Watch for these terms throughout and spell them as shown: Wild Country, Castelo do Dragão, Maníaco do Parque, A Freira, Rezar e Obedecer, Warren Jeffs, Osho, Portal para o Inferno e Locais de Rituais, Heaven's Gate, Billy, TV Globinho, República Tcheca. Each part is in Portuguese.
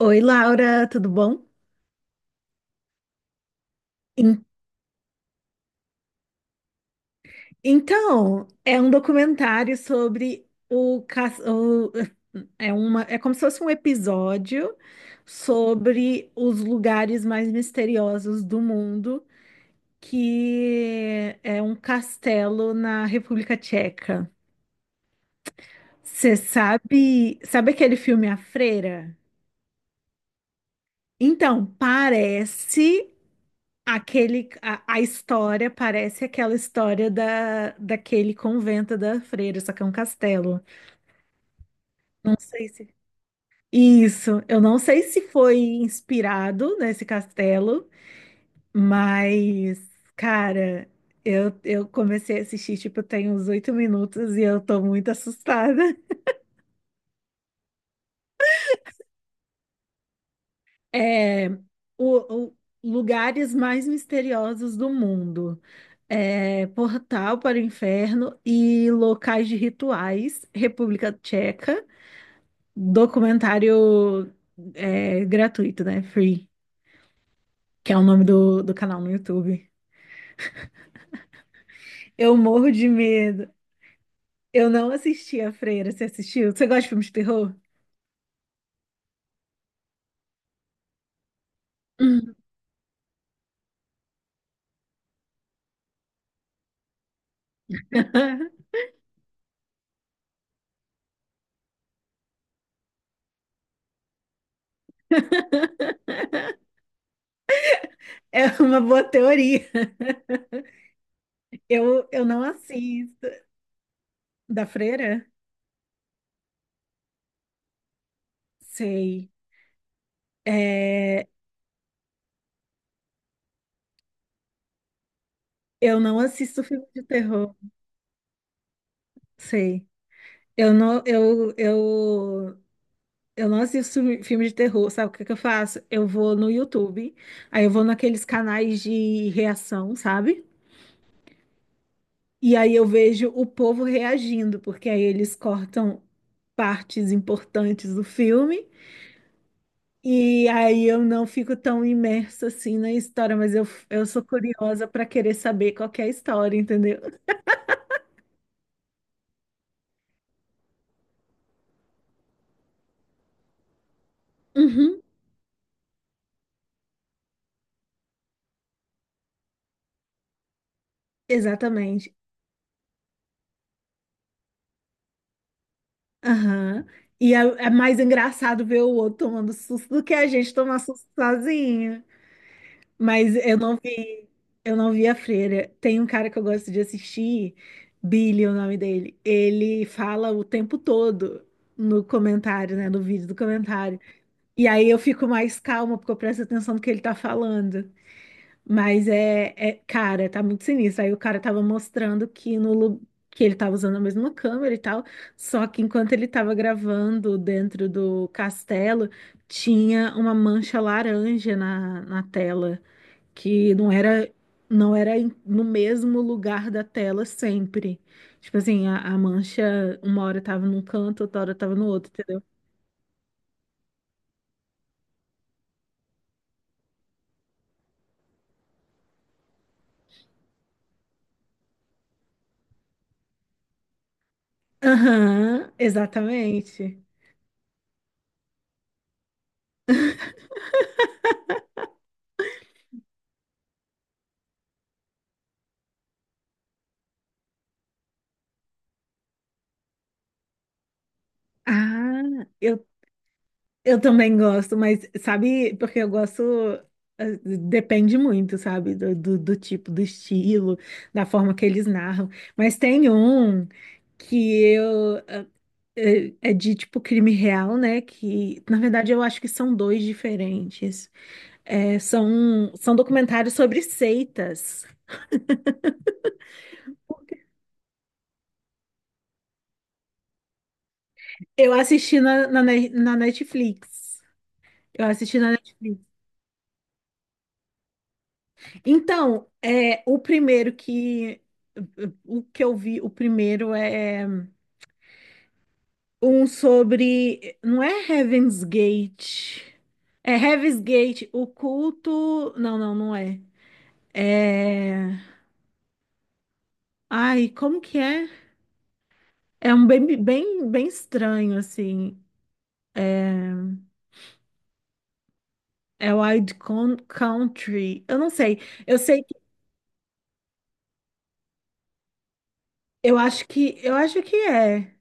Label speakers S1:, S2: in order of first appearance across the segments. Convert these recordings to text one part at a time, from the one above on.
S1: Oi, Laura, tudo bom? En- Então, é um documentário sobre é uma, é como se fosse um episódio sobre os lugares mais misteriosos do mundo, que é um castelo na República Tcheca. Você sabe aquele filme A Freira? Então, a história parece aquela história daquele convento da freira, só que é um castelo. Não sei se. Isso, eu não sei se foi inspirado nesse castelo, mas, cara, eu comecei a assistir, tipo, tem uns 8 minutos e eu tô muito assustada. É, o, o- Lugares mais misteriosos do mundo. É, Portal para o Inferno e Locais de Rituais, República Tcheca. Documentário gratuito, né? Free, que é o nome do canal no YouTube. Eu morro de medo. Eu não assisti a Freira. Você assistiu? Você gosta de filmes de terror? Hum. É uma boa teoria. Eu não assisto. Da Freira? Sei. É, Eu não assisto filme de terror, sei. Eu não, eu, eu, eu não assisto filme de terror. Sabe o que que eu faço? Eu vou no YouTube, aí eu vou naqueles canais de reação, sabe? E aí eu vejo o povo reagindo, porque aí eles cortam partes importantes do filme. E aí eu não fico tão imersa assim na história, mas eu sou curiosa para querer saber qual que é a história, entendeu? Uhum, exatamente. Aham. E é mais engraçado ver o outro tomando susto do que a gente tomar susto sozinho. Mas eu não vi a freira. Tem um cara que eu gosto de assistir, Billy, é o nome dele. Ele fala o tempo todo no comentário, né? No vídeo do comentário. E aí eu fico mais calma, porque eu presto atenção no que ele tá falando. Mas é, cara, tá muito sinistro. Aí o cara tava mostrando que no lu- que ele tava usando a mesma câmera e tal, só que enquanto ele tava gravando dentro do castelo, tinha uma mancha laranja na tela, que não era no mesmo lugar da tela sempre. Tipo assim, a mancha uma hora tava num canto, outra hora tava no outro, entendeu? Aham, exatamente. Ah, eu Eu também gosto, mas sabe, porque eu gosto, eh, depende muito, sabe, do tipo, do estilo, da forma que eles narram. Mas tem um que eu, é de tipo crime real, né? Que na verdade eu acho que são dois diferentes. É, são documentários sobre seitas. Eu assisti na Netflix. Eu assisti na Netflix. Então, o que eu vi, o primeiro é um sobre, não é Heaven's Gate. É Heaven's Gate, o culto. Não, não, não é. É. Ai, como que é? É um bem, bem, bem estranho, assim. É Wild Country. Eu não sei. Eu sei que. Eu acho que é.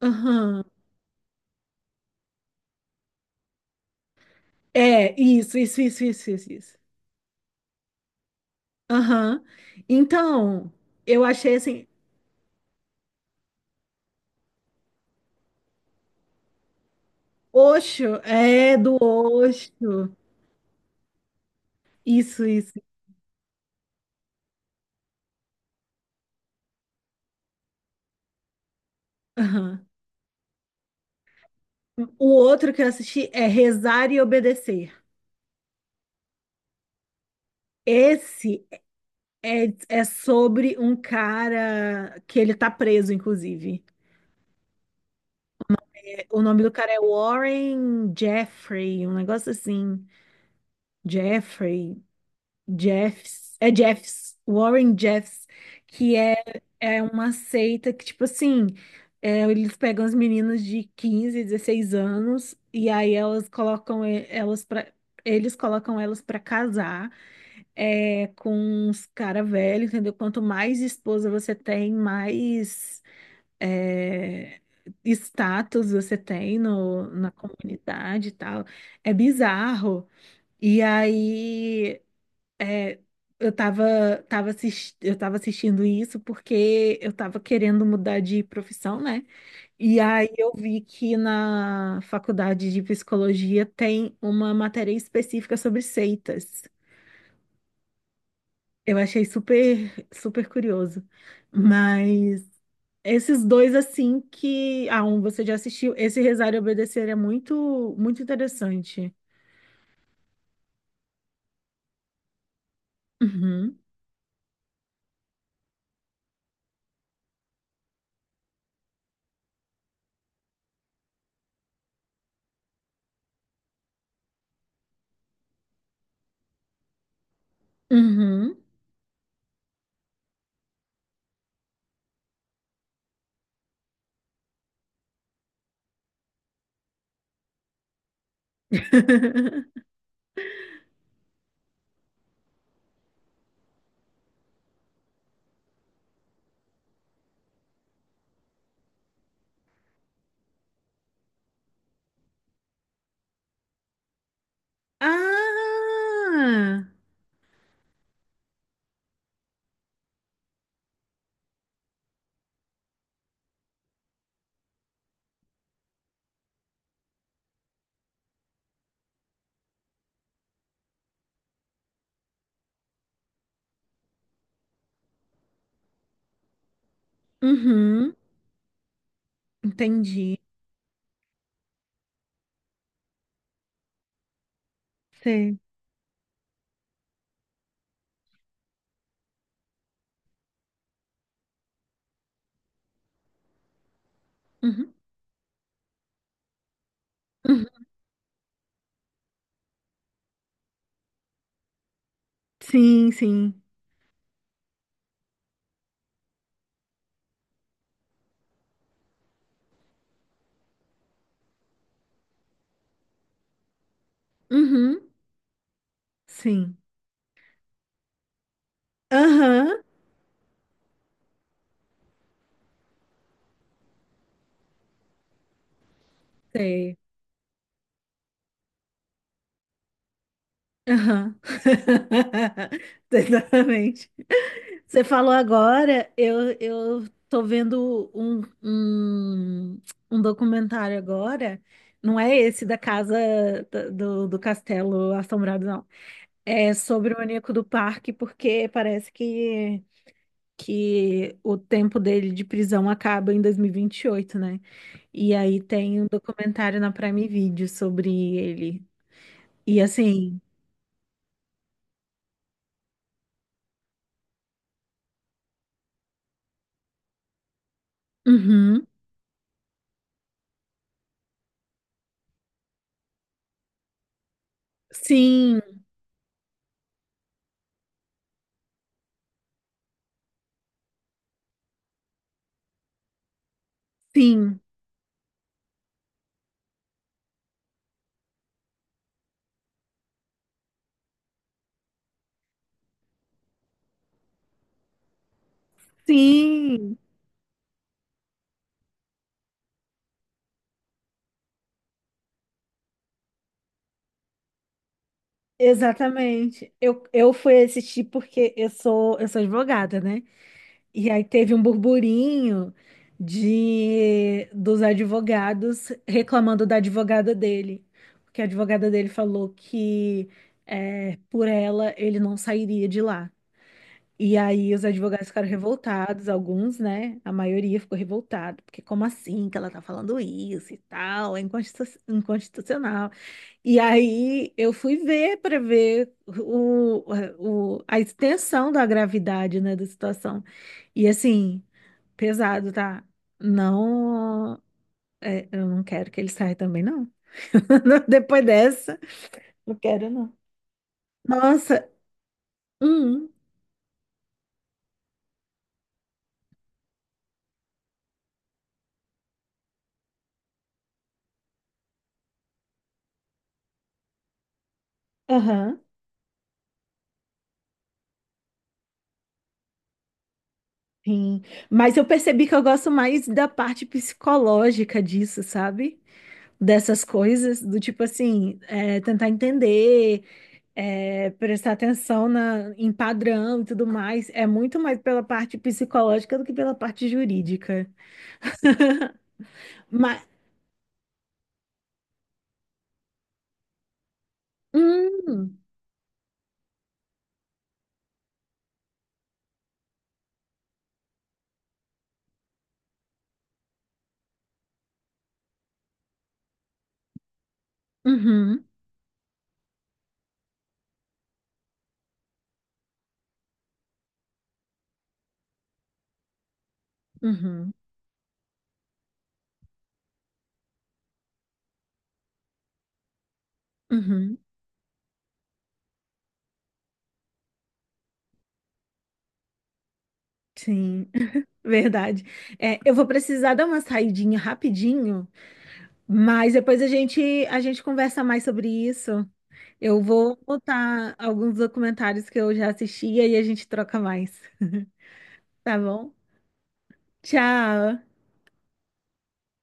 S1: Aham. É, isso, isso, isso, isso, isso, isso. Aham. Então, eu achei assim, Osho, é do Osho. Isso, isso. Aham. O outro que eu assisti é Rezar e Obedecer. Esse é sobre um cara que ele tá preso, inclusive. É, o nome do cara é Warren Jeffrey, um negócio assim. Jeffrey. Jeffs, é Jeffs, Warren Jeffs, que é, é uma seita que, tipo assim, eles pegam as meninas de 15, 16 anos e aí elas colocam e- elas pra eles colocam elas pra casar, com uns cara velho, entendeu? Quanto mais esposa você tem, mais é, status você tem no, na comunidade e tal. É bizarro. E aí eu tava assistindo isso porque eu tava querendo mudar de profissão, né? E aí eu vi que na faculdade de psicologia tem uma matéria específica sobre seitas. Eu achei super, super curioso. Mas esses dois, assim, que... Ah, um você já assistiu. Esse Rezar e Obedecer é muito, muito interessante. Uhum. Uhum. Ah! Uhum. Entendi. Sei. Uhum. Uhum. Sim, sim. Uhum. Sim. Aham. Sei. Aham. Exatamente. Você falou agora, eu tô vendo um documentário agora. Não é esse da casa da- do, do Castelo Assombrado, não. É sobre o Maníaco do Parque, porque parece que o tempo dele de prisão acaba em dois mil e vinte e oito, né? E aí tem um documentário na Prime Video sobre ele. E assim, uhum, sim, sim, sim, exatamente. Eu fui assistir porque eu sou advogada, né? E aí teve um burburinho de dos advogados reclamando da advogada dele, porque a advogada dele falou que por ela ele não sairia de lá. E aí os advogados ficaram revoltados, alguns, né? A maioria ficou revoltada, porque como assim que ela tá falando isso e tal? É inconstitucional. E aí eu fui ver para ver a extensão da gravidade, né, da situação. E assim, pesado, tá? Não, eu não quero que ele saia também, não. Depois dessa, não quero, não. Nossa, hum, aham. Sim, mas eu percebi que eu gosto mais da parte psicológica disso, sabe? Dessas coisas, do tipo assim, tentar entender, prestar atenção na, em padrão e tudo mais. É muito mais pela parte psicológica do que pela parte jurídica. Mas, hum, uhum, uhum, uhum, sim, verdade. Eu vou precisar dar uma saidinha rapidinho, mas depois a gente conversa mais sobre isso. Eu vou botar alguns documentários que eu já assisti e aí a gente troca mais, tá bom? Tchau!